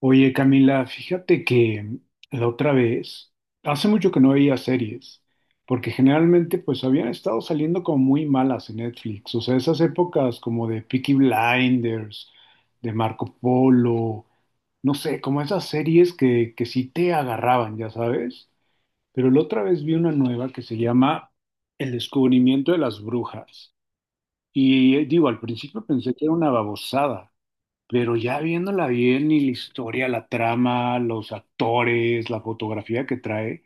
Oye, Camila, fíjate que la otra vez, hace mucho que no veía series, porque generalmente pues habían estado saliendo como muy malas en Netflix, o sea, esas épocas como de Peaky Blinders, de Marco Polo, no sé, como esas series que sí te agarraban, ya sabes, pero la otra vez vi una nueva que se llama El descubrimiento de las brujas, y digo, al principio pensé que era una babosada. Pero ya viéndola bien y la historia, la trama, los actores, la fotografía que trae,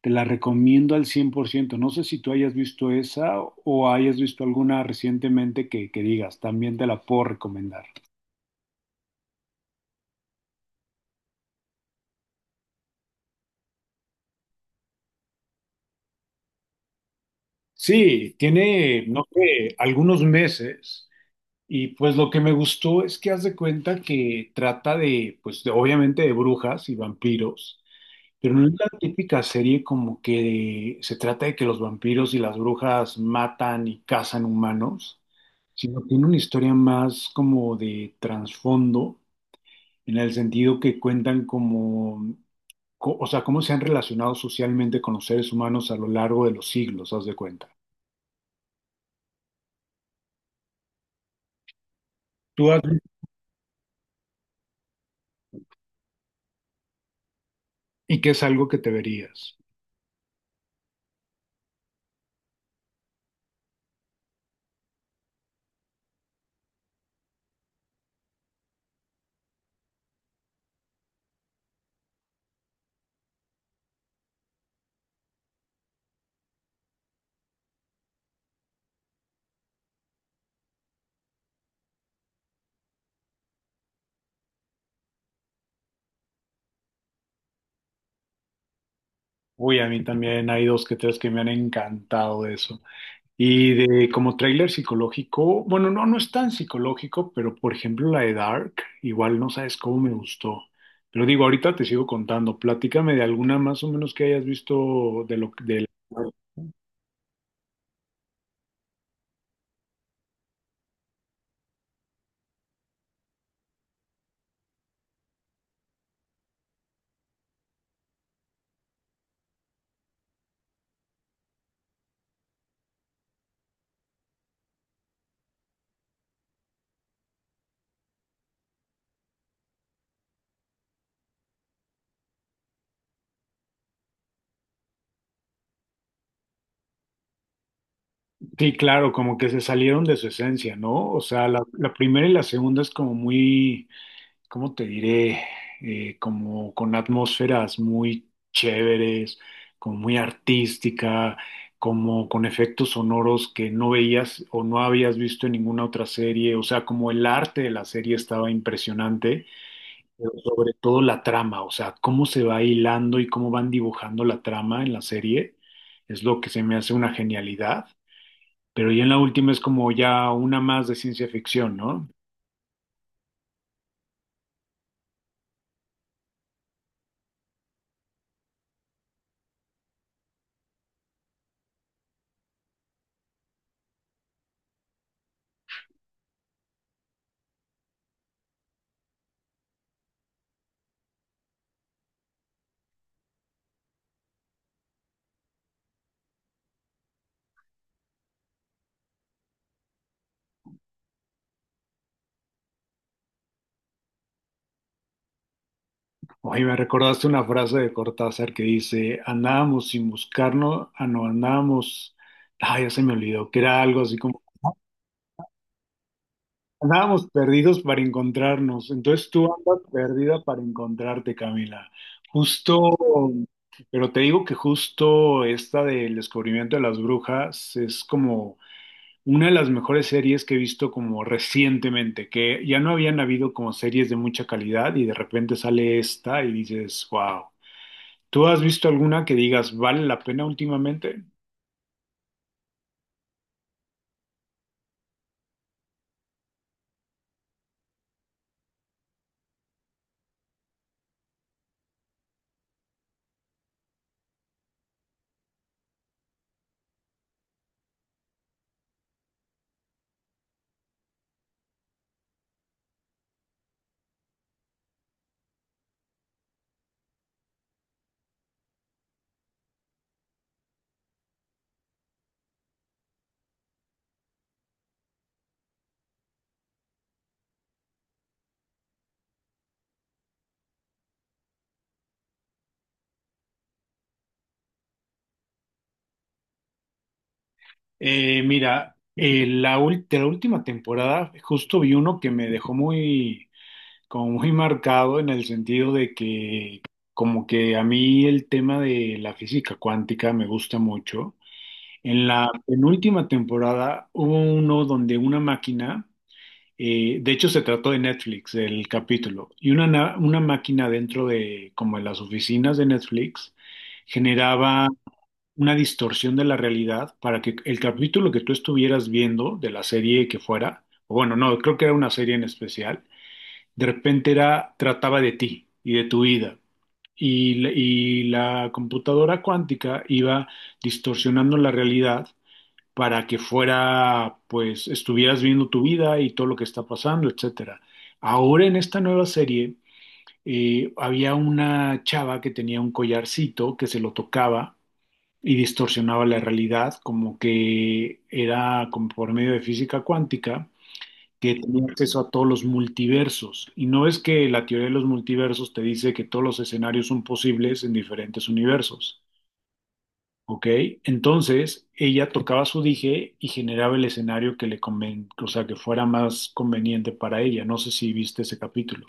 te la recomiendo al 100%. No sé si tú hayas visto esa o hayas visto alguna recientemente que digas, también te la puedo recomendar. Sí, tiene, no sé, algunos meses y pues lo que me gustó es que haz de cuenta que trata de, pues obviamente de brujas y vampiros. Pero no es la típica serie como que se trata de que los vampiros y las brujas matan y cazan humanos, sino tiene una historia más como de trasfondo, en el sentido que cuentan como, o sea, cómo se han relacionado socialmente con los seres humanos a lo largo de los siglos, haz de cuenta. Tú has- y que es algo que te verías. Uy, a mí también hay dos que tres que me han encantado de eso. Y de como tráiler psicológico, bueno, no es tan psicológico, pero por ejemplo la de Dark, igual no sabes cómo me gustó. Pero digo, ahorita te sigo contando, platícame de alguna más o menos que hayas visto de lo de Sí, claro, como que se salieron de su esencia, ¿no? O sea, la primera y la segunda es como muy, ¿cómo te diré? Como con atmósferas muy chéveres, como muy artística, como con efectos sonoros que no veías o no habías visto en ninguna otra serie, o sea, como el arte de la serie estaba impresionante, pero sobre todo la trama, o sea, cómo se va hilando y cómo van dibujando la trama en la serie, es lo que se me hace una genialidad. Pero ya en la última es como ya una más de ciencia ficción, ¿no? Oye, me recordaste una frase de Cortázar que dice, andábamos sin buscarnos, ah, no, andábamos, ah, ya se me olvidó, que era algo así como, andábamos perdidos para encontrarnos. Entonces tú andas perdida para encontrarte, Camila. Justo, pero te digo que justo esta del descubrimiento de las brujas es como una de las mejores series que he visto como recientemente, que ya no habían habido como series de mucha calidad y de repente sale esta y dices, wow. ¿Tú has visto alguna que digas vale la pena últimamente? Mira, de la última temporada justo vi uno que me dejó muy, como muy marcado, en el sentido de que como que a mí el tema de la física cuántica me gusta mucho. En la penúltima temporada hubo uno donde una máquina, de hecho se trató de Netflix, el capítulo, y una máquina dentro de como en las oficinas de Netflix generaba una distorsión de la realidad para que el capítulo que tú estuvieras viendo de la serie que fuera, o bueno, no, creo que era una serie en especial, de repente era, trataba de ti y de tu vida. Y la computadora cuántica iba distorsionando la realidad para que fuera, pues, estuvieras viendo tu vida y todo lo que está pasando, etcétera. Ahora en esta nueva serie había una chava que tenía un collarcito que se lo tocaba y distorsionaba la realidad, como que era como por medio de física cuántica que tenía acceso a todos los multiversos. Y no es que la teoría de los multiversos te dice que todos los escenarios son posibles en diferentes universos, ¿ok? Entonces, ella tocaba su dije y generaba el escenario que o sea, que fuera más conveniente para ella. No sé si viste ese capítulo.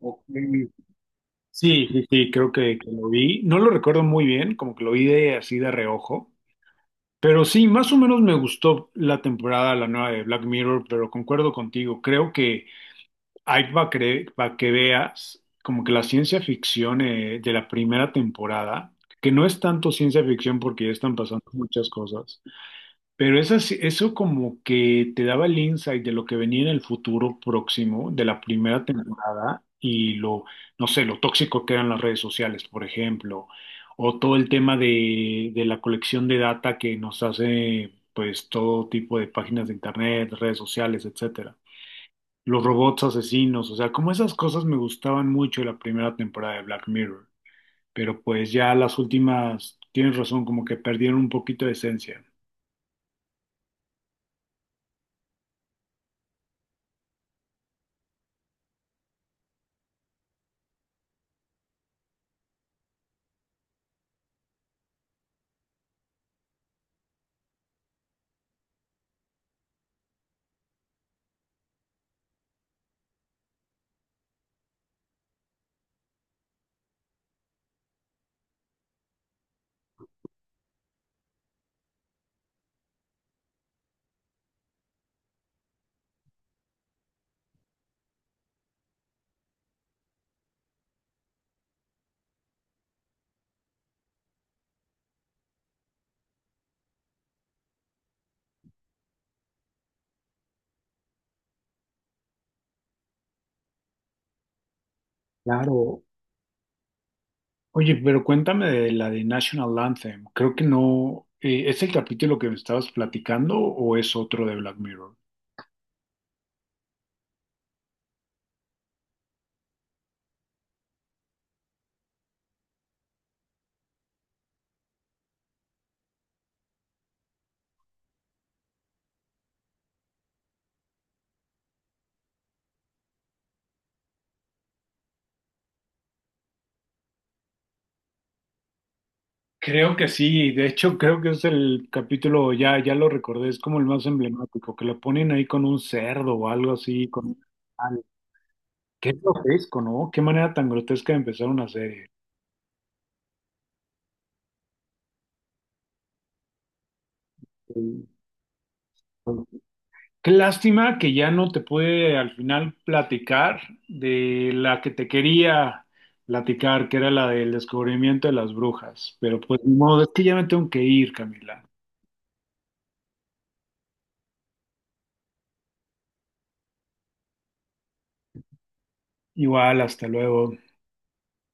Ok. Sí, creo que lo vi. No lo recuerdo muy bien, como que lo vi de así de reojo. Pero sí, más o menos me gustó la temporada, la nueva de Black Mirror, pero concuerdo contigo, creo que hay, para que veas como que la ciencia ficción, de la primera temporada, que no es tanto ciencia ficción porque ya están pasando muchas cosas, pero eso como que te daba el insight de lo que venía en el futuro próximo de la primera temporada y lo, no sé, lo tóxico que eran las redes sociales, por ejemplo, o todo el tema de la colección de data que nos hace pues todo tipo de páginas de internet, redes sociales, etcétera. Los robots asesinos, o sea, como esas cosas me gustaban mucho de la primera temporada de Black Mirror, pero pues ya las últimas, tienes razón, como que perdieron un poquito de esencia. Claro. Oye, pero cuéntame de la de National Anthem. Creo que no. ¿Es el capítulo que me estabas platicando o es otro de Black Mirror? Creo que sí. De hecho, creo que es el capítulo, ya lo recordé, es como el más emblemático, que lo ponen ahí con un cerdo o algo así. Un animal. Qué grotesco, ¿no? Qué manera tan grotesca de empezar una serie. Sí. Qué lástima que ya no te pude al final platicar de la que te quería platicar, que era la del descubrimiento de las brujas. Pero pues ni modo, es que ya me tengo que ir, Camila. Igual, hasta luego.